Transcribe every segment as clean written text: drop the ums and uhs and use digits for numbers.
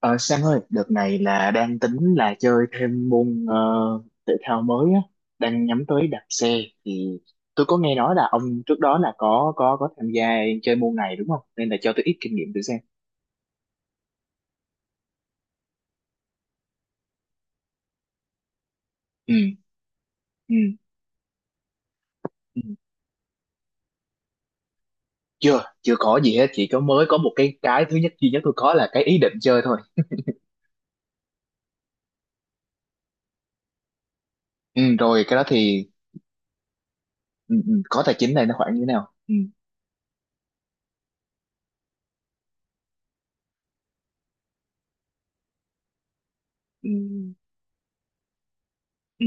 Ờ, Sang ơi, đợt này là đang tính là chơi thêm môn thể thao mới á, đang nhắm tới đạp xe thì tôi có nghe nói là ông trước đó là có tham gia chơi môn này, đúng không? Nên là cho tôi ít kinh nghiệm thử xem. Ừ, ừ, ừ. Chưa, chưa có gì hết, chỉ có mới có một cái thứ nhất duy nhất tôi có là cái ý định chơi thôi. Ừ, rồi cái đó thì ừ, ừ, có tài chính này nó khoảng như thế nào? Ừ, ừ, ừ,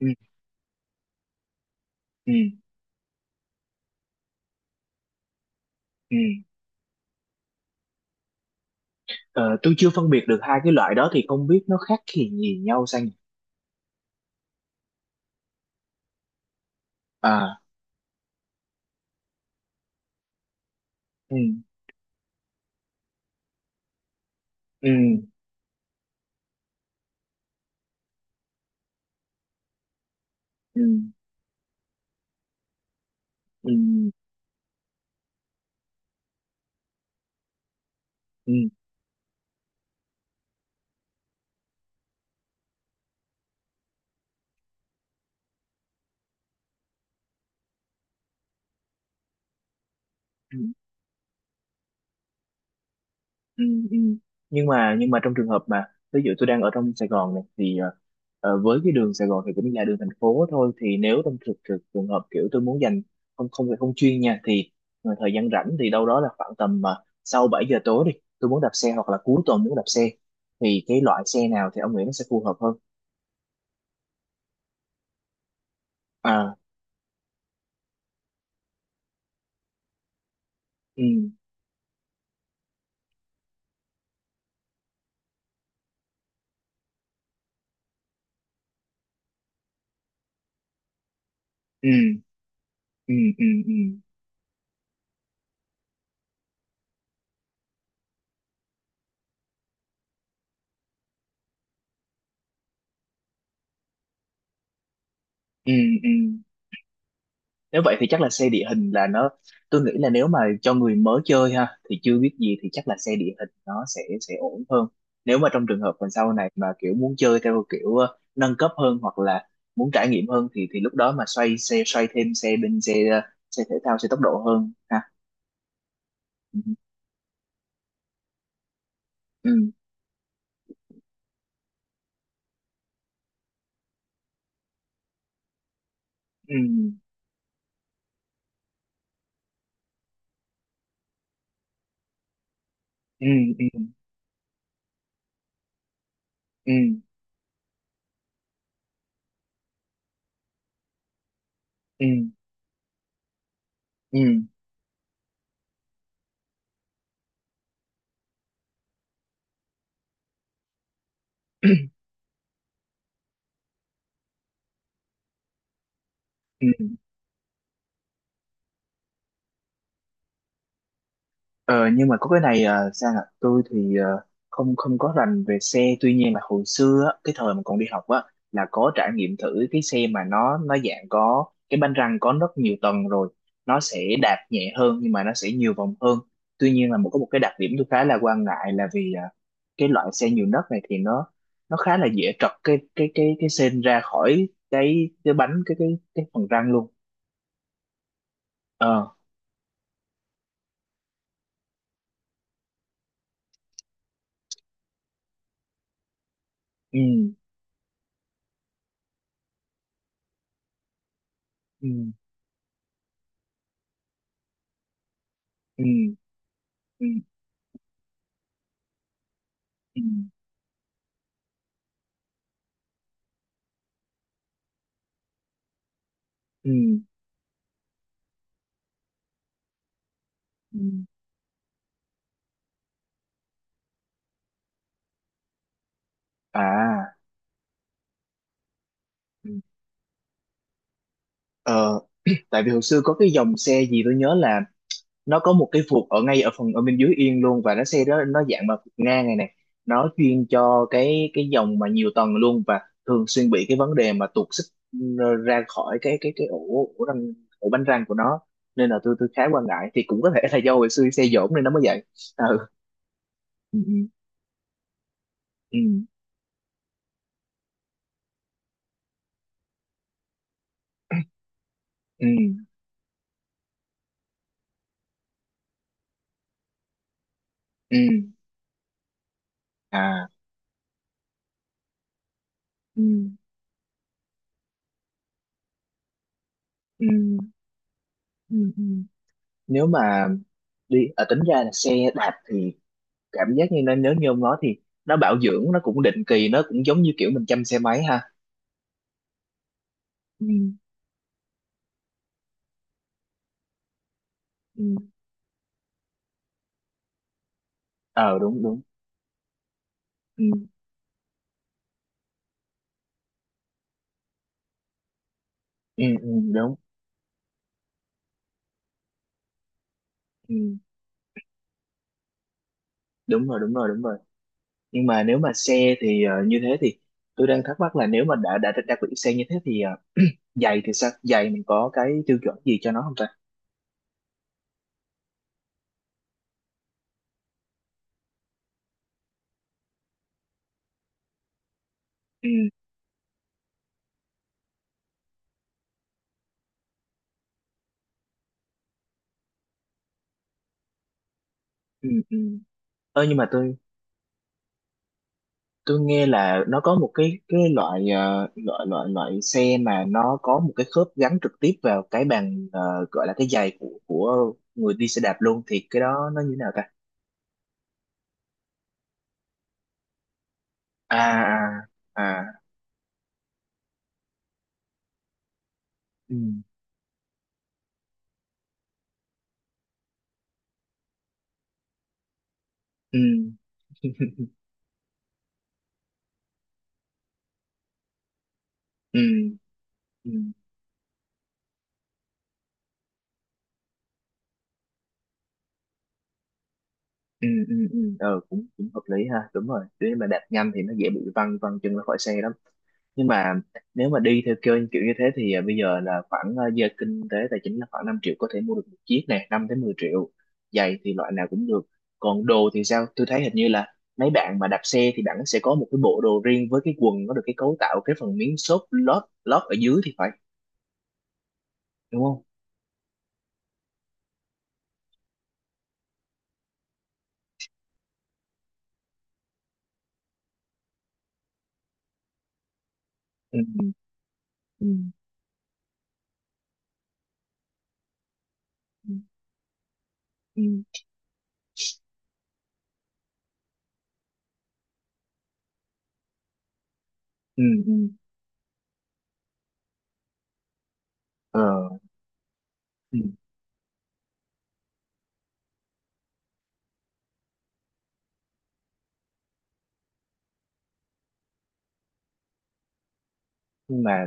ừ, ừ, ừ. Ờ, tôi chưa phân biệt được hai cái loại đó thì không biết nó khác gì nhau sang. À, ừ, ừ, ừ, ừ, ừ, ừ, ừ, ừ. Nhưng mà trong trường hợp mà ví dụ tôi đang ở trong Sài Gòn này thì với cái đường Sài Gòn thì cũng là đường thành phố thôi, thì nếu trong thực thực trường hợp kiểu tôi muốn dành, không không phải không chuyên nha, thì thời gian rảnh thì đâu đó là khoảng tầm mà sau 7 giờ tối đi, tôi muốn đạp xe hoặc là cuối tuần muốn đạp xe thì cái loại xe nào thì ông nghĩ nó sẽ phù hợp hơn? À, ừ, ừ, ừ, ừ, ừ, ừ, ừ, ừ. Nếu vậy thì chắc là xe địa hình là nó, tôi nghĩ là nếu mà cho người mới chơi ha thì chưa biết gì thì chắc là xe địa hình nó sẽ ổn hơn. Nếu mà trong trường hợp mà sau này mà kiểu muốn chơi theo kiểu nâng cấp hơn, hoặc là muốn trải nghiệm hơn thì lúc đó mà xoay xe, xoay thêm xe, bên xe xe thể thao, xe tốc độ hơn ha. Ừ, ừ, ừ, ừ, ừ, ừ, ừ, ừ. Ừ. Ờ, nhưng mà có cái này à, Sang ạ, tôi thì không không có rành về xe, tuy nhiên là hồi xưa á, cái thời mà còn đi học á là có trải nghiệm thử cái xe mà nó dạng có cái bánh răng có rất nhiều tầng rồi, nó sẽ đạp nhẹ hơn nhưng mà nó sẽ nhiều vòng hơn. Tuy nhiên là có một cái đặc điểm tôi khá là quan ngại, là vì cái loại xe nhiều nấc này thì nó khá là dễ trật cái sên ra khỏi cái bánh, cái phần răng luôn. ờ ừ, ừ, ừ, ừ, ừ, ừ, ừ. Ừ. À, ừ. ờ, Tại vì hồi xưa có cái dòng xe gì tôi nhớ là nó có một cái vụt ở ngay, ở phần ở bên dưới yên luôn, và nó xe đó nó dạng mà vụt ngang này này, nó chuyên cho cái dòng mà nhiều tầng luôn và thường xuyên bị cái vấn đề mà tuột xích, ừ, ra khỏi cái ổ, ổ răng, ổ bánh răng của nó. Nên là tôi khá quan ngại, thì cũng có thể là do hồi xưa xe dỗm nên nó mới vậy. Ừ, ừ, ừ, ừ, ừ. À, ừ, ừ, ừ, ừ. Nếu mà đi tính ra là xe đạp thì cảm giác như nó, nếu như ông nói thì nó bảo dưỡng nó cũng định kỳ, nó cũng giống như kiểu mình chăm xe máy ha. Ừ, ừ, ờ, đúng đúng, ừ, ừ, ừ, đúng, ừ, đúng rồi, đúng rồi, đúng rồi. Nhưng mà nếu mà xe thì như thế thì tôi đang thắc mắc là nếu mà đã đặc biệt xe như thế thì giày thì sao, giày mình có cái tiêu chuẩn gì cho nó không ta? Ừ, ừ, ừ, ừ. Ơ, nhưng mà tôi nghe là nó có một cái loại loại xe mà nó có một cái khớp gắn trực tiếp vào cái bàn gọi là cái giày của người đi xe đạp luôn, thì cái đó nó như thế nào ta? À, à, à, ừ, ừ, ừ, ừ, ừ, ừ, ừ, ừ, cũng cũng hợp lý ha, đúng rồi, nếu mà đạp nhanh thì nó dễ bị văng văng chân ra khỏi xe lắm. Nhưng mà nếu mà đi theo kiểu kiểu như thế thì bây giờ là khoảng giờ kinh tế tài chính là khoảng 5 triệu có thể mua được một chiếc này, 5 tới 10 triệu. Giày thì loại nào cũng được, còn đồ thì sao, tôi thấy hình như là mấy bạn mà đạp xe thì bạn sẽ có một cái bộ đồ riêng với cái quần nó được cái cấu tạo cái phần miếng xốp lót lót ở dưới thì phải, đúng không? Ừ. Ừ, ừ, ừ, Ừ, ừ. Ờ, ừ. Nhưng mà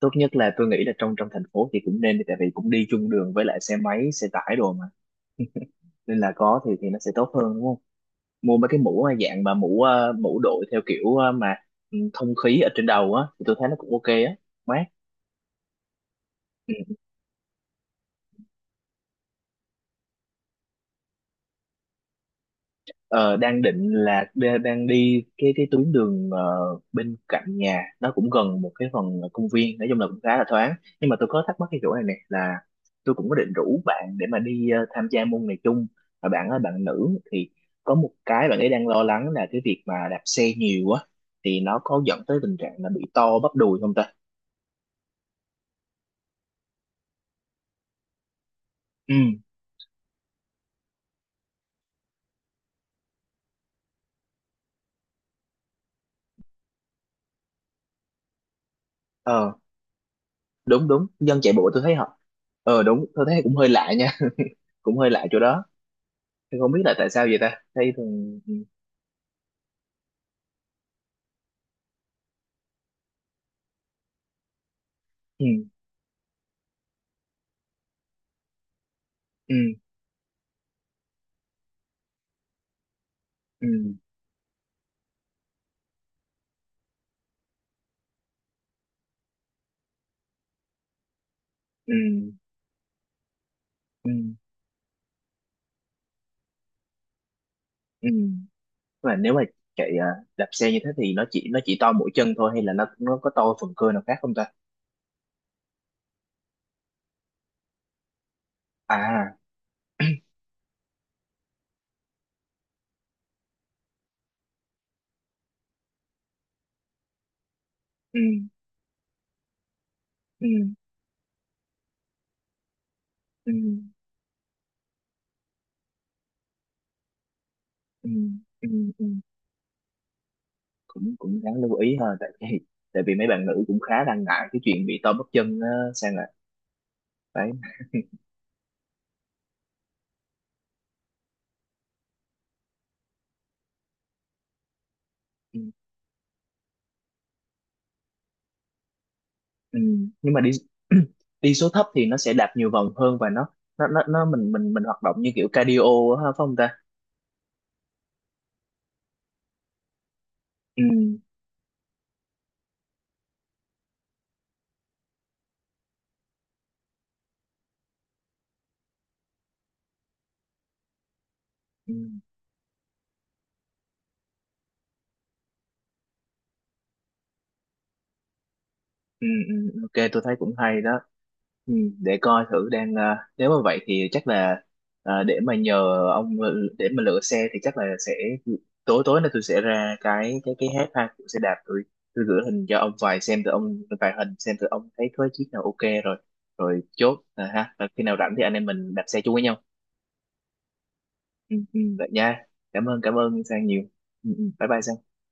tốt nhất là tôi nghĩ là trong trong thành phố thì cũng nên đi, tại vì cũng đi chung đường với lại xe máy, xe tải đồ mà, nên là có thì nó sẽ tốt hơn, đúng không? Mua mấy cái mũ dạng mà mũ mũ đội theo kiểu mà ừ, thông khí ở trên đầu á, thì tôi thấy nó cũng ok á, mát. Ừ. Ờ, Đang định là đang đi cái tuyến đường bên cạnh nhà, nó cũng gần một cái phần công viên, nói chung là cũng khá là thoáng. Nhưng mà tôi có thắc mắc cái chỗ này nè là tôi cũng có định rủ bạn để mà đi tham gia môn này chung, mà bạn ơi, bạn nữ thì có một cái bạn ấy đang lo lắng là cái việc mà đạp xe nhiều á thì nó có dẫn tới tình trạng là bị to bắp đùi không ta? Ừ, đúng đúng, dân chạy bộ tôi thấy họ, đúng, tôi thấy cũng hơi lạ nha, cũng hơi lạ chỗ đó, tôi không biết là tại sao vậy ta, thấy thường. Ừ, ừ, ừ, ừ, ừ, ừ, ừ. Mà nếu mà chạy à, đạp xe như thế thì nó chỉ to mỗi chân thôi hay là nó có to phần cơ nào khác không ta? À, ừ, ừ, ừ, ừ, ừ, ừ. cũng cũng đáng lưu ý ha, tại vì mấy bạn nữ cũng khá đang ngại cái chuyện bị to bắp chân á, sang rồi đấy. Ừ. Nhưng mà đi đi số thấp thì nó sẽ đạp nhiều vòng hơn và nó nó mình hoạt động như kiểu cardio á, phải không ta? Ừ. Ừ. Ừ. Ừ, ok tôi thấy cũng hay đó. Ừ. Để coi thử, đang nếu mà vậy thì chắc là để mà nhờ ông, ừ, để mà lựa xe thì chắc là sẽ tối tối nay tôi sẽ ra cái app ha, tôi sẽ đạp, tôi gửi hình cho ông vài xem từ ông, vài hình xem từ ông, thấy có chiếc nào ok rồi rồi chốt à ha. Rồi khi nào rảnh thì anh em mình đạp xe chung với nhau. Ừ, ừ, vậy nha. Cảm ơn cảm ơn Sang nhiều. Ừ, ừ, ừ. Bye bye Sang.